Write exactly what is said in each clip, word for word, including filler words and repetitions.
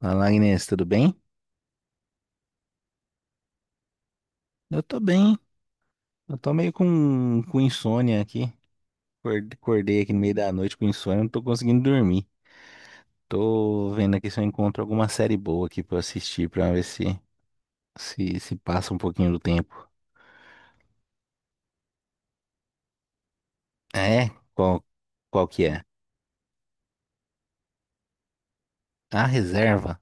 Fala, Agnes, tudo bem? Eu tô bem. Eu tô meio com, com insônia aqui. Acor- Acordei aqui no meio da noite com insônia, não tô conseguindo dormir. Tô vendo aqui se eu encontro alguma série boa aqui pra eu assistir, pra ver se, se, se passa um pouquinho do tempo. Ah, é? Qual, qual que é? A Reserva?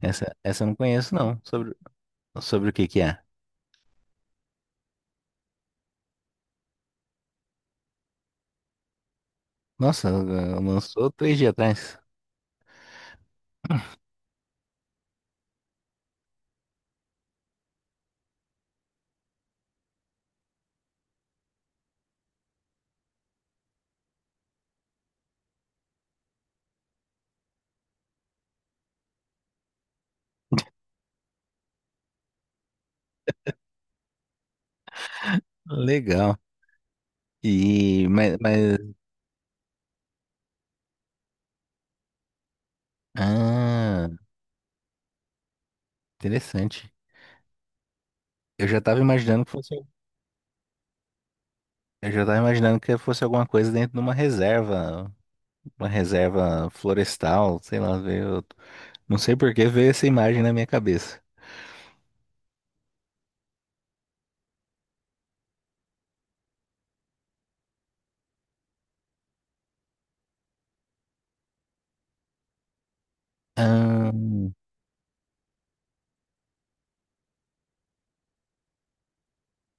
Essa, essa eu não conheço, não. Sobre, sobre o que que é? Nossa, lançou três dias atrás. Legal. E, mas, mas... Ah, interessante. Eu já tava imaginando que fosse Eu já tava imaginando que fosse alguma coisa dentro de uma reserva, uma reserva florestal, sei lá, veio, não sei por que veio essa imagem na minha cabeça. Ahn,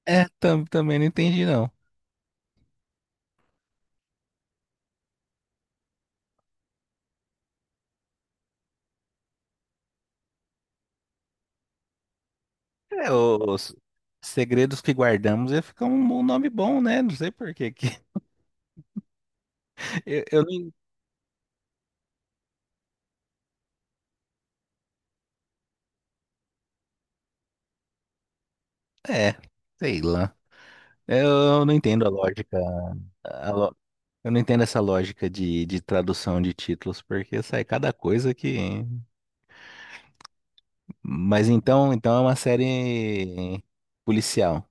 é, tam- também não entendi não. É, os segredos que guardamos ia ficar um, bom nome bom, né? Não sei por que que eu, eu não, é, sei lá. Eu não entendo a lógica. a lo- Eu não entendo essa lógica de, de tradução de títulos, porque sai cada coisa que. Mas então, então é uma série policial.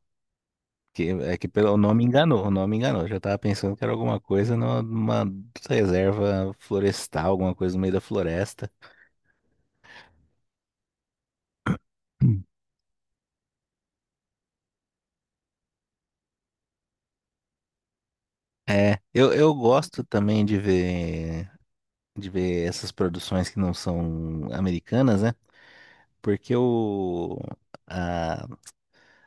Que, é que pelo nome enganou, o nome enganou. Eu já tava pensando que era alguma coisa numa, numa reserva florestal, alguma coisa no meio da floresta. Hum. É, eu, eu gosto também de ver, de ver essas produções que não são americanas, né? Porque o,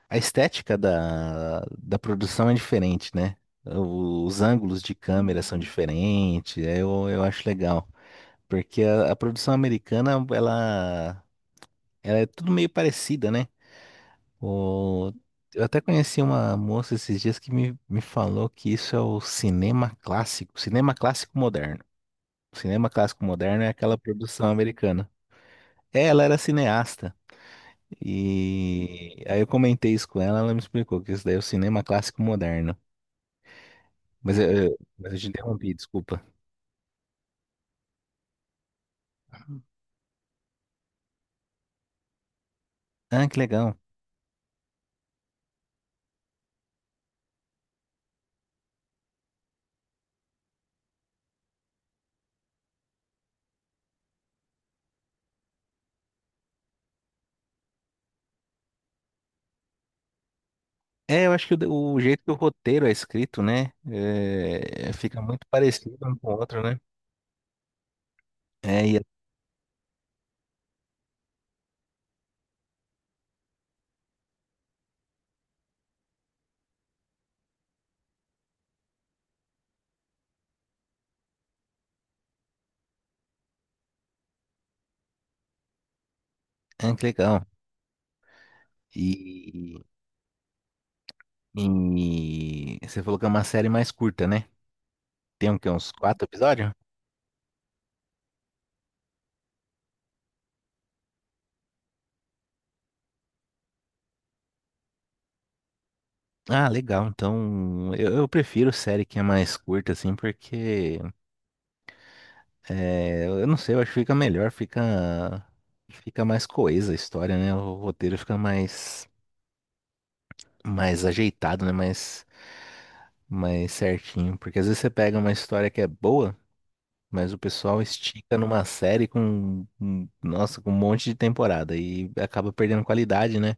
A estética da, da produção é diferente, né? O- Os ângulos de câmera são diferentes, é, eu, eu acho legal. Porque a, a produção americana, ela, ela é tudo meio parecida, né? O, eu até conheci uma moça esses dias que me, me falou que isso é o cinema clássico, cinema clássico moderno. O cinema clássico moderno é aquela produção americana. É, ela era cineasta. E aí eu comentei isso com ela, ela me explicou que isso daí é o cinema clássico moderno. Mas eh, eh, mas eu te interrompi, desculpa. Ah, que legal. É, eu acho que o, o jeito que o roteiro é escrito, né? Eh, fica muito parecido um com o outro, né? É, e, é, ah, que legal. E, e você falou que é uma série mais curta, né? Tem o quê? Uns quatro episódios? Ah, legal. Então, eu, eu prefiro série que é mais curta, assim, porque eh, eu não sei, eu acho que fica melhor, fica, fica mais coesa a história, né? O roteiro fica mais. mais ajeitado, né? Mais, mais certinho. Porque às vezes você pega uma história que é boa, mas o pessoal estica numa série com, com- nossa, com um monte de temporada e acaba perdendo qualidade, né?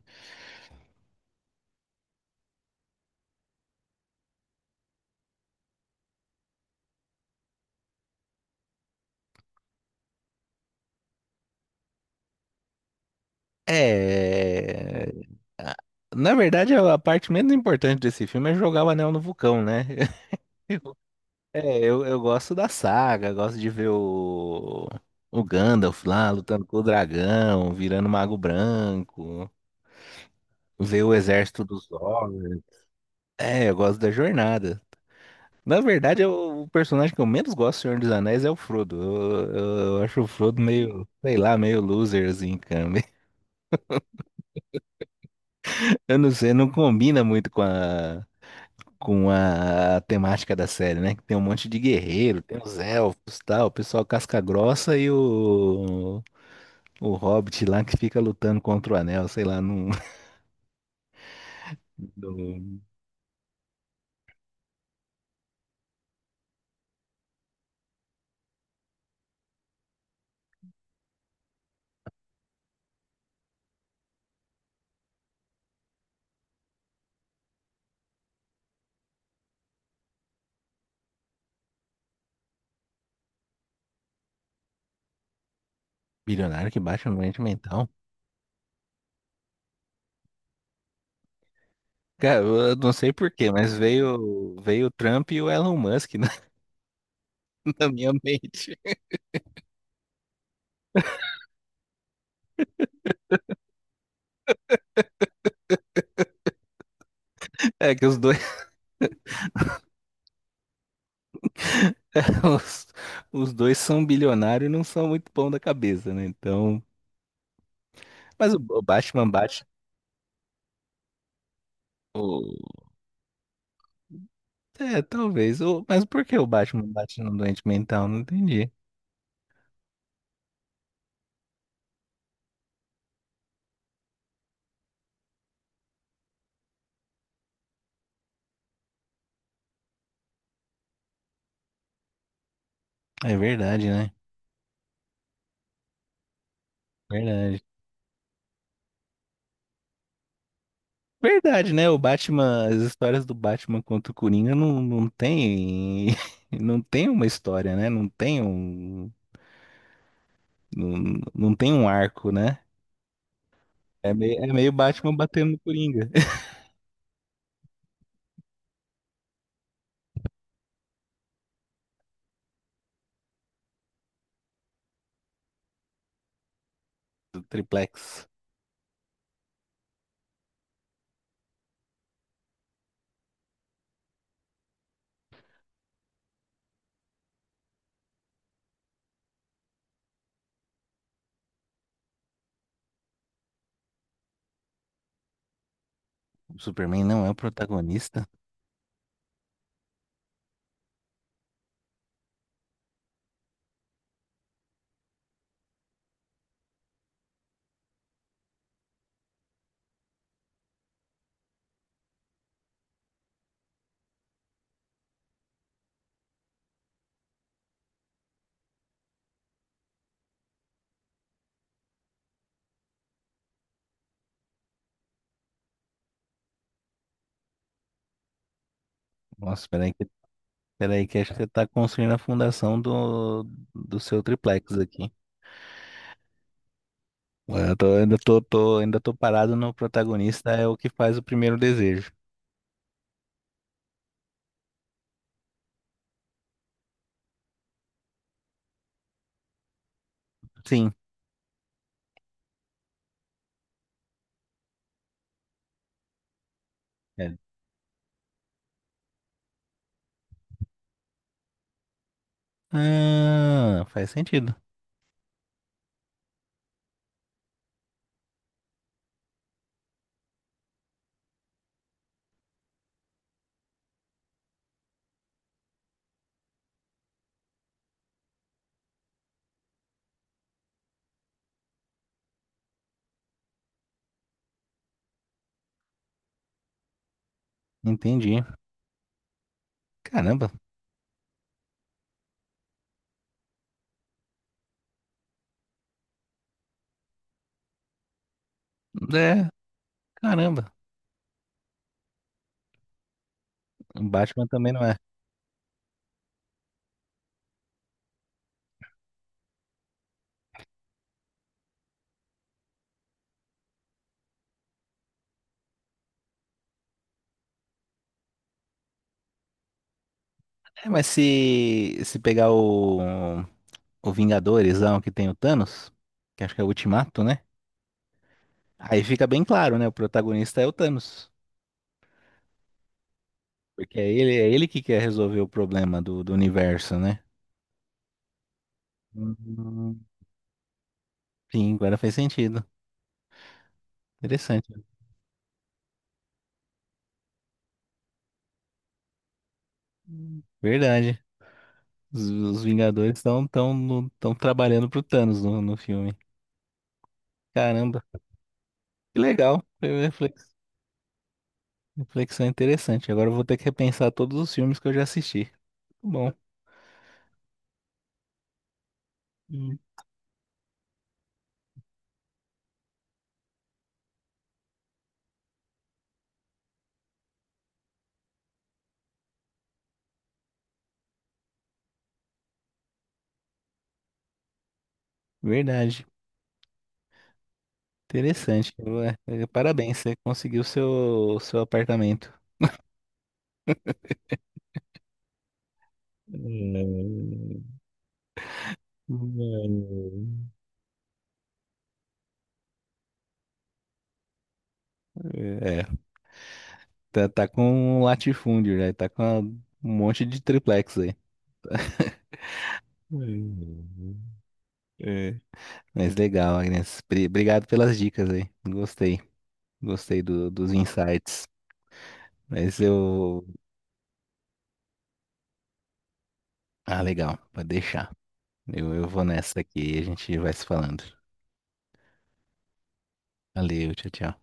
É. a- Na verdade, a a parte menos importante desse filme é jogar o anel no vulcão, né? Eu- É, eu, eu gosto da saga, gosto de ver o, o Gandalf lá lutando com o dragão, virando mago branco, ver o exército dos orcs. É, eu gosto da jornada. Na verdade, eu- o personagem que eu menos gosto do Senhor dos Anéis é o Frodo. Eu, eu- eu acho o Frodo meio, sei lá, meio loser, assim, cara. Eu não sei, não combina muito com a, com a temática da série, né? Que tem um monte de guerreiro, tem os elfos, tal, o pessoal casca grossa e o, o Hobbit lá que fica lutando contra o Anel, sei lá, num, do bilionário que baixa no doente mental. Cara, eu eu não sei por quê, mas veio, veio o Trump e o Elon Musk, né? na minha mente. É que os dois, os, os dois são bilionários e não são muito bom da cabeça, né? Então, mas o, o Batman bate o. É, talvez. O, mas por que o Batman bate no doente mental? Não entendi. É verdade, né? Verdade. Verdade, né? O Batman, as histórias do Batman contra o Coringa não, não tem, não tem uma história, né? Não tem um, não, não tem um arco, né? É meio, é meio Batman batendo no Coringa. Do triplex. O Superman não é o protagonista? Nossa, peraí que, peraí que acho que você tá construindo a fundação do, do seu triplex aqui. Ué, Eu tô, ainda tô, tô- ainda tô parado no protagonista é o que faz o primeiro desejo. Sim. É. Ah, faz sentido. Entendi. Caramba. É, caramba. O Batman também não é. É, mas se, se pegar o, o Vingadores lá, o que tem o Thanos, que acho que é o Ultimato, né? Aí fica bem claro, né? O protagonista é o Thanos. Porque é ele, é ele que quer resolver o problema do, do universo, né? Hum. Sim, agora faz sentido. Interessante. Hum. Verdade. Os, os Vingadores estão tão, tão no- tão trabalhando pro Thanos no, no filme. Caramba, que legal. Foi uma reflex- reflexão interessante. Agora eu vou ter que repensar todos os filmes que eu já assisti. Tá bom. Hum. Verdade. Interessante. Ué, eh, parabéns, você conseguiu seu, seu apartamento. Não, não. É. Tá, tá com um latifúndio já, tá com uma- um monte de triplex aí. É. Mas legal, Agnes. Bri- Obrigado pelas dicas aí. Gostei. Gostei do- dos insights. Mas eu. Ah, legal. Pode deixar. Eu, eu vou nessa aqui e a gente vai se falando. Valeu, tchau, tchau.